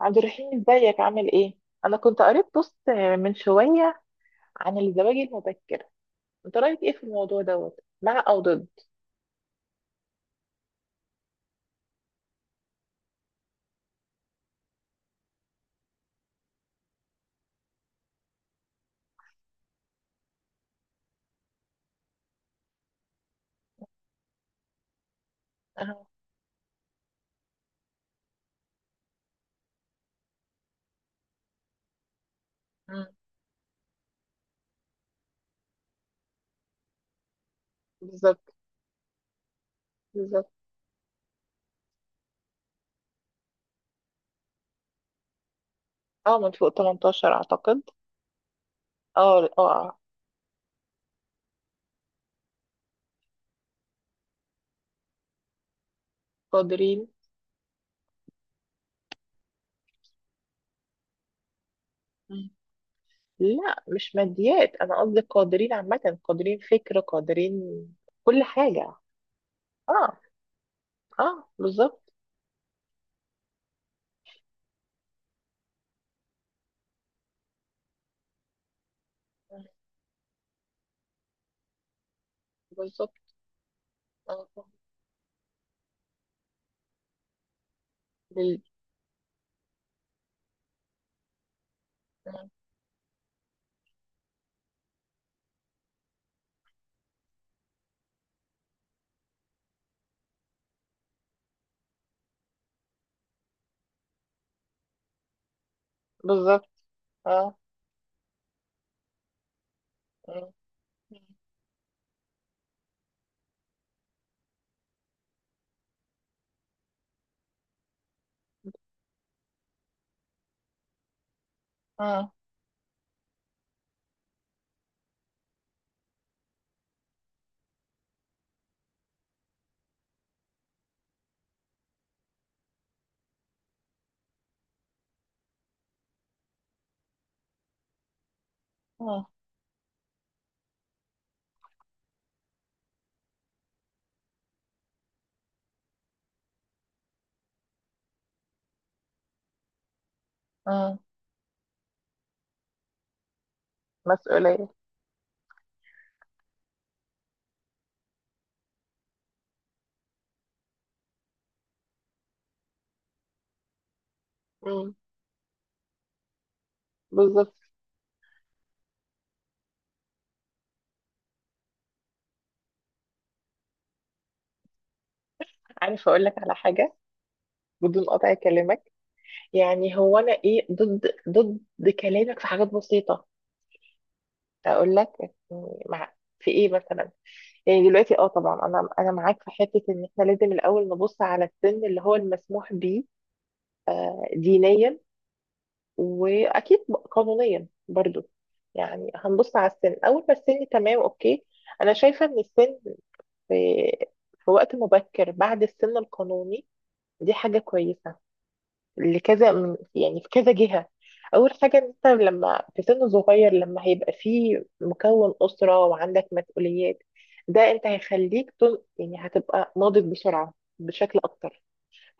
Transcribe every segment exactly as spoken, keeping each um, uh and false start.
عبد الرحيم، ازيك؟ عامل ايه؟ انا كنت قريت بوست من شوية عن الزواج المبكر. انت رأيك ايه في الموضوع دوت؟ مع او ضد؟ اه. مم. بالظبط. بالظبط. اه، من فوق تمنتاشر اعتقد. اه اه. قادرين. مم. لا، مش ماديات، انا قصدي قادرين عامة، قادرين فكر، قادرين كل حاجة. اه اه، بالظبط. مم. بالظبط. اه. بال-. مم. بالظبط. اه. مم. اه اه اه. مسؤولية. بالظبط. عارف اقول لك على حاجه؟ بدون قطع كلامك، يعني هو انا ايه؟ ضد ضد كلامك في حاجات بسيطه، اقول لك يعني، مع. في ايه مثلا؟ يعني دلوقتي اه، طبعا انا انا معاك في حته ان احنا لازم الاول نبص على السن اللي هو المسموح بيه دينيا، واكيد قانونيا برضو. يعني هنبص على السن، اول ما السن تمام اوكي. انا شايفه ان السن في في وقت مبكر بعد السن القانوني دي حاجه كويسه لكذا من، يعني في كذا جهة. أول حاجة إن أنت لما في سن صغير، لما هيبقى فيه مكون أسرة وعندك مسؤوليات، ده أنت هيخليك تن... يعني هتبقى ناضج بسرعة بشكل أكتر.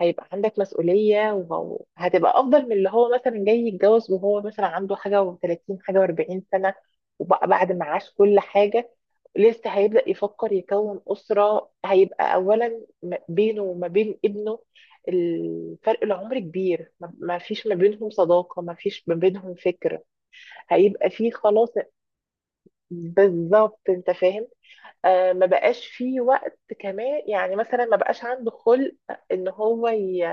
هيبقى عندك مسؤولية، وهو- وهتبقى أفضل من اللي هو مثلا جاي يتجوز وهو مثلا عنده حاجة وثلاثين حاجة واربعين سنة وبعد ما عاش كل حاجة. لسه هيبدأ يفكر يكون أسرة، هيبقى أولا م- بينه وما بين ابنه الفرق العمر كبير، ما ما فيش ما بينهم صداقة، ما فيش ما بينهم فكر. هيبقى فيه خلاص. بالظبط، انت فاهم. آه، ما بقاش فيه وقت كمان، يعني مثلا ما بقاش عنده خلق ان هو ي...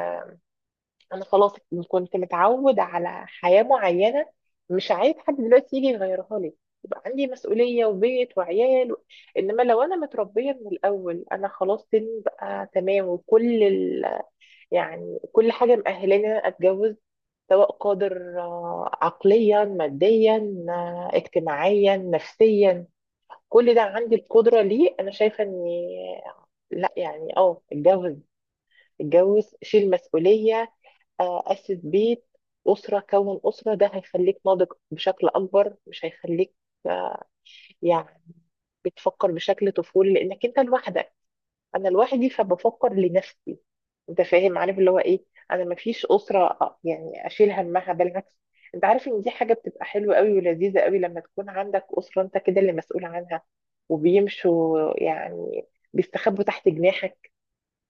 انا خلاص كنت متعود على حياة معينة، مش عايز حد دلوقتي يجي يغيرها لي، يبقى عندي مسؤولية وبيت وعيال و... انما لو انا متربية من الاول، انا خلاص سني بقى تمام وكل ال... يعني كل حاجة مأهلاني إن أنا اتجوز، سواء قادر آه، عقليا ماديا آه، اجتماعيا نفسيا، كل ده عندي القدرة ليه. انا شايفة اني لا، يعني اه اتجوز، اتجوز شيل مسؤولية، آه، اسس بيت، اسره، كون اسره، ده هيخليك ناضج بشكل اكبر، مش هيخليك آه، يعني بتفكر بشكل طفولي لانك انت لوحدك. انا لوحدي فبفكر لنفسي، انت فاهم؟ عارف اللي هو ايه؟ انا مفيش اسره آه، يعني اشيل همها. بالعكس، انت عارف ان دي حاجه بتبقى حلوه قوي ولذيذه قوي لما تكون عندك اسره انت كده اللي مسؤول عنها، وبيمشوا يعني، بيستخبوا تحت جناحك.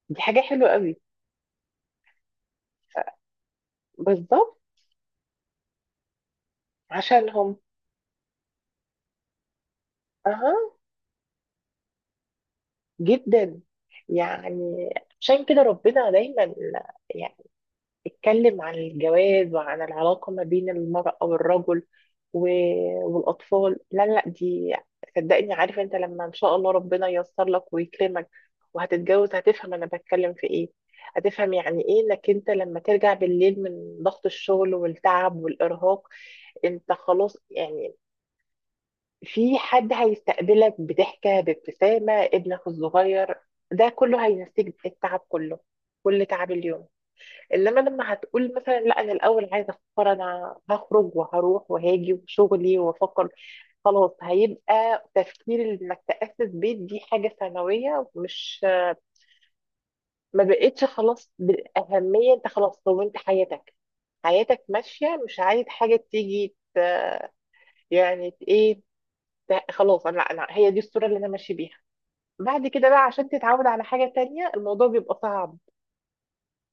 دي حاجه حلوه قوي. بالظبط، عشانهم. اها، جدا يعني. عشان كده ربنا دايما يعني اتكلم عن الجواز وعن العلاقة ما بين المرأة والرجل و- والأطفال. لا لا دي، صدقني، عارف انت لما ان شاء الله ربنا ييسر لك ويكرمك وهتتجوز، هتفهم انا بتكلم في ايه. هتفهم يعني ايه انك انت لما ترجع بالليل من ضغط الشغل والتعب والارهاق، انت خلاص يعني، في حد هيستقبلك بضحكة، بابتسامة ابنك الصغير، ده كله هينسيك التعب كله، كل تعب اليوم. انما لما هتقول مثلا لا، انا الاول عايزه افكر، انا هخرج وهروح وهاجي وشغلي وافكر، خلاص هيبقى تفكير انك تاسس بيت دي حاجه ثانويه، مش، ما بقتش خلاص بالاهميه. انت خلاص كونت حياتك، حياتك ماشيه، مش عايز حاجه تيجي ت-، يعني ت- ايه، ت- خلاص، انا انا هي دي الصوره اللي انا ماشي بيها. بعد كده بقى عشان تتعود على حاجة تانية، الموضوع بيبقى صعب،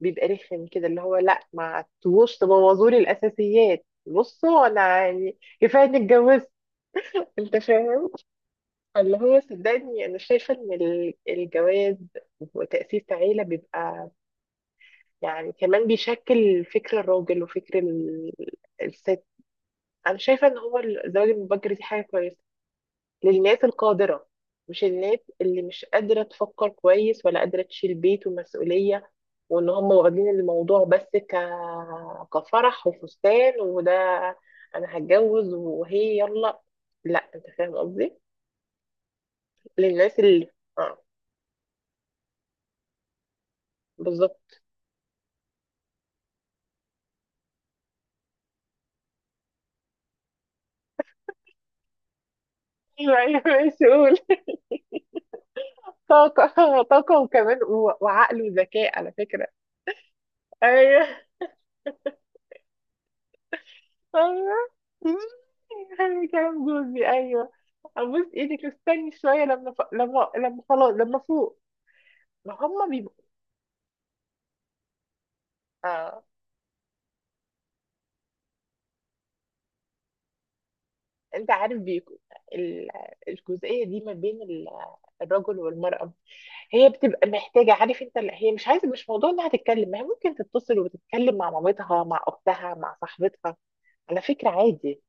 بيبقى رخم كده، اللي هو لا، ما تبوظ، تبوظولي الأساسيات. بصوا أنا يعني كفاية إني اتجوزت، أنت فاهم؟ اللي هو صدقني، أنا شايفة إن ال- الجواز وتأسيس عيلة بيبقى، يعني كمان بيشكل فكر الراجل وفكر ال- الست. أنا شايفة إن هو الزواج المبكر دي حاجة كويسة للناس القادرة، مش الناس اللي مش قادرة تفكر كويس ولا قادرة تشيل بيت ومسؤولية، وان هم واخدين الموضوع بس ك... كفرح وفستان وده، انا هتجوز وهي يلا. لا، انت فاهم قصدي، للناس اللي، اه، بالظبط. ايوه ايوه، مسؤول. طاقة، طاقة وكمان و... وعقل وذكاء على فكرة. ايوه ايوه، يعني كلام جوزي ايوه، ابوس ايدك استني شويه لما ف... لما لما خلاص لما فوق، ما هم بيبقوا. آه. انت عارف بيكو، ال... الجزئيه دي ما بين ال... الرجل والمراه، هي بتبقى محتاجه، عارف انت ال-، هي مش عايزه، مش موضوع انها تتكلم، ما هي ممكن تتصل وتتكلم مع مامتها، مع اختها، مع صاحبتها، على فكره عادي.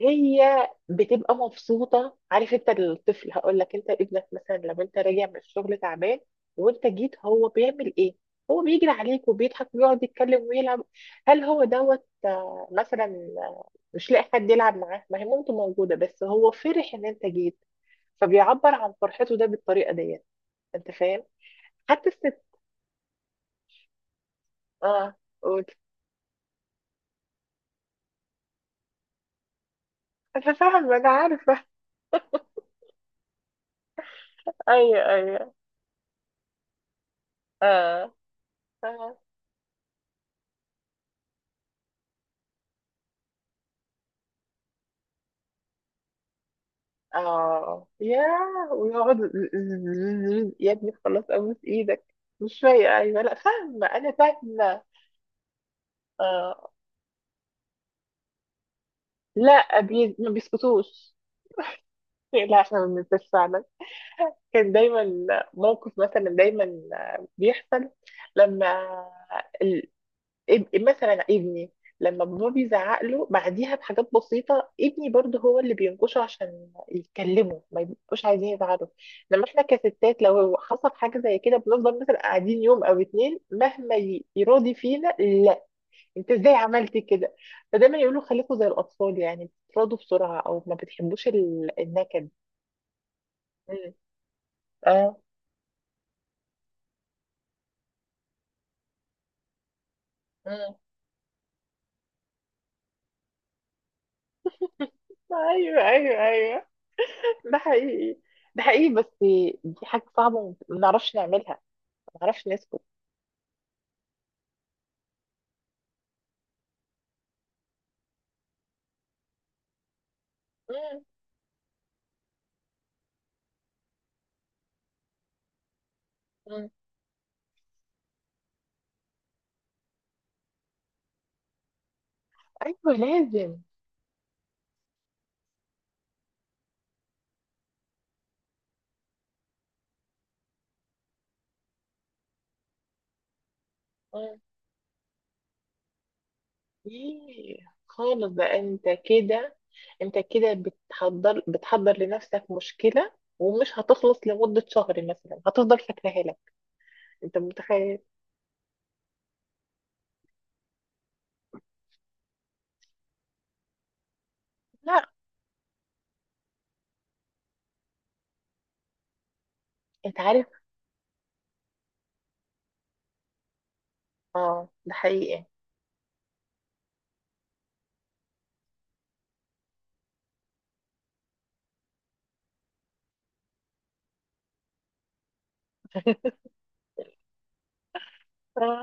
هي بتبقى مبسوطة. عارف انت الطفل، هقول لك، انت ابنك مثلا لما انت راجع من الشغل تعبان وانت جيت، هو بيعمل ايه؟ هو بيجري عليك وبيضحك ويقعد يتكلم ويلعب. هل هو دوت آه، مثلا مش لاقي حد يلعب معاه؟ ما هي مامته موجودة، بس هو فرح ان انت جيت، فبيعبر عن فرحته ده بالطريقة ديت. انت فاهم؟ حتى الست، اه قول. انا فاهمة، انا عارفة. ايوه ايوه. اه. اه. اه، ياه ويقعد. يا ابني خلاص ابوس ايدك، مش شويه، ايوه لا فاهمه، انا فاهمه. آه. لا بي...، ما بيسكتوش. لا، احنا ما بننساش فعلا، كان دايما موقف مثلا دايما بيحصل، لما إب- مثلا ابني لما بابا بيزعق له بعديها بحاجات بسيطة، ابني برضه هو اللي بينكشه عشان يتكلموا ما يبقوش عايزين يزعلوا. لما احنا كستات لو حصل حاجة زي كده، بنفضل مثلا قاعدين يوم او اتنين مهما ي- يراضي فينا لا، انت ازاي عملتي كده. فدايما يقولوا خليكوا زي الاطفال، يعني بتراضوا بسرعة، او ما بتحبوش ال- النكد. مم. اه. مم. ايوه ايوه ايوه، ده حقيقي، ده حقيقي، بس دي حاجة صعبة وما نعرفش نعملها، معرفش نسكت. مم. مم. ايوه، لازم. مم. ايه، خالص، ده انت كده، انت كده بتحضر، بتحضر لنفسك مشكلة ومش هتخلص لمدة شهر مثلا، هتفضل فاكراها لك. انت متخيل؟ لا. انت عارف. اه، ده حقيقي. اه.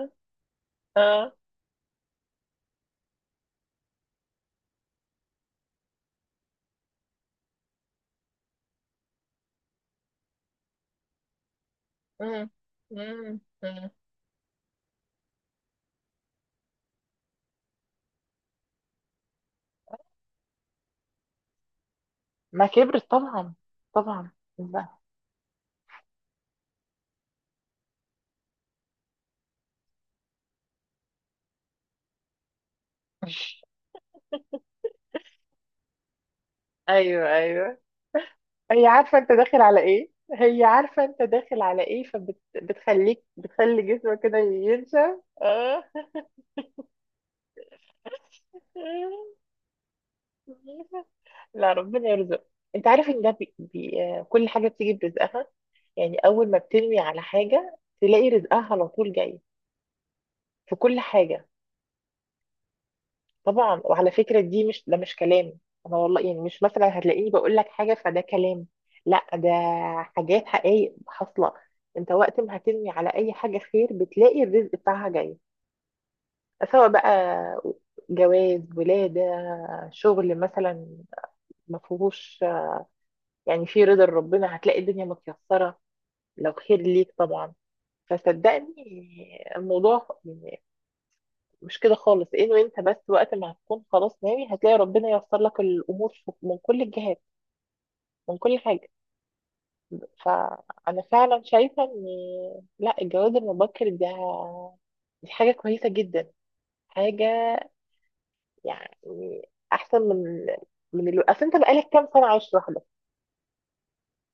اه. مم. مم. مم. ما كبرت طبعا، طبعا. لا. ايوه ايوه، هي عارفة انت داخل على ايه، هي عارفة انت داخل على ايه، فبتخليك، بتخلي جسمك كده ينشف. آه. لا، ربنا يرزق. انت عارف ان ده بي... بي... آه، كل حاجة بتيجي برزقها، يعني اول ما بترمي على حاجة تلاقي رزقها على طول جاي، في كل حاجة. طبعا، وعلى فكرة دي مش، ده مش كلام، انا والله يعني مش مثلا هتلاقيني بقول لك حاجة فده كلام، لا ده حاجات حقايق حاصلة. انت وقت ما هترمي على اي حاجة خير بتلاقي الرزق بتاعها جاي، سواء بقى جواز، ولادة، شغل مثلا، ما فيهوش، يعني في رضا ربنا هتلاقي الدنيا متيسرة، لو خير ليك طبعا. فصدقني الموضوع مش كده خالص، انه انت بس وقت ما هتكون خلاص ناوي هتلاقي ربنا ييسر لك الامور في- من كل الجهات، من كل حاجه. فانا فعلا شايفه ان لا، الجواز المبكر ده دي حاجه كويسه جدا، حاجه يعني احسن من من الو... اصل انت بقالك كام سنه عايش لوحدك،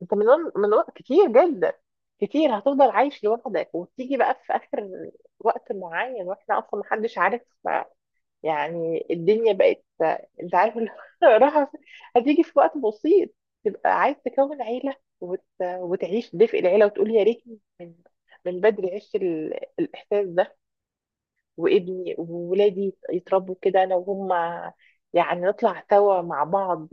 انت من وقت-، من وقت كتير جدا، كتير هتفضل عايش لوحدك وتيجي بقى في اخر وقت معين، واحنا اصلا محدش عارف يعني الدنيا بقت، انت عارف اللي راح. هتيجي في وقت بسيط تبقى عايز تكون عيلة، وت...، وتعيش دفء العيلة، وتقول يا ريتني من من بدري عشت ال... الإحساس ده، وابني وولادي يتربوا كده أنا وهم، يعني نطلع سوا مع بعض،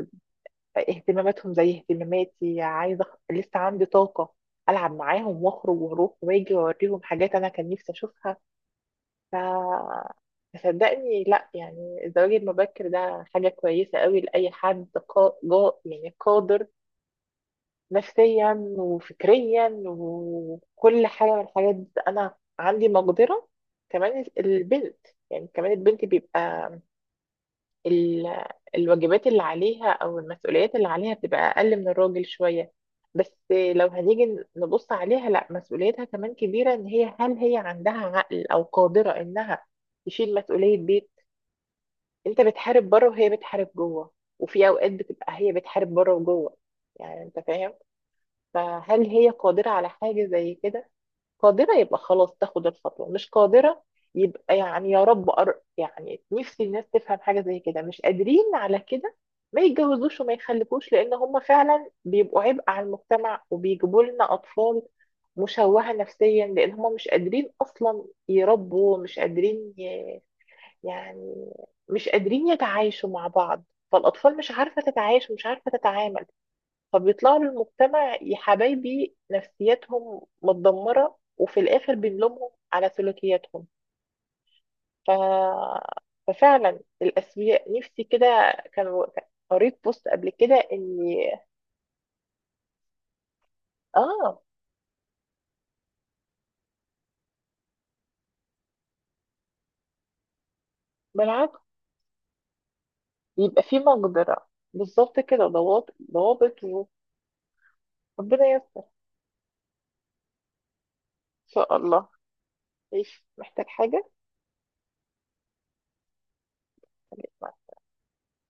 اهتماماتهم زي اهتماماتي، عايزه أخ-، لسه عندي طاقه العب معاهم، واخرج واروح واجي واوريهم حاجات انا كان نفسي اشوفها. ف، صدقني لا، يعني الزواج المبكر ده حاجه كويسه قوي لاي حد قا... جا... يعني قادر نفسيا وفكريا وكل حاجه من الحاجات دي. انا عندي مقدره. كمان البنت، يعني كمان البنت بيبقى ال- الواجبات اللي عليها او المسؤوليات اللي عليها بتبقى اقل من الراجل شوية، بس لو هنيجي نبص عليها لا، مسؤوليتها كمان كبيرة. ان هي، هل هي عندها عقل او قادرة انها تشيل مسؤولية بيت؟ انت بتحارب بره وهي بتحارب جوه، وفي اوقات بتبقى هي بتحارب بره وجوه، يعني انت فاهم. فهل هي قادرة على حاجة زي كده؟ قادرة يبقى خلاص تاخد الخطوة، مش قادرة يبقى، يعني يا رب أر...، يعني نفسي الناس تفهم حاجة زي كده، مش قادرين على كده ما يتجوزوش وما يخلفوش، لأن هم فعلا بيبقوا عبء على المجتمع، وبيجيبوا لنا أطفال مشوهة نفسيا لأن هم مش قادرين أصلا يربوا، مش قادرين ي... يعني مش قادرين يتعايشوا مع بعض، فالأطفال مش عارفة تتعايش ومش عارفة تتعامل، فبيطلعوا للمجتمع يا حبايبي نفسياتهم متدمرة، وفي الآخر بنلومهم على سلوكياتهم. ف... ففعلا الأسوياء، نفسي كده كان، قريت بوست قبل كده إن، آه، بالعكس، يبقى في مقدرة، بالظبط كده، ضوابط، ضوابط، وربنا يستر، إن شاء الله. إيش، محتاج حاجة؟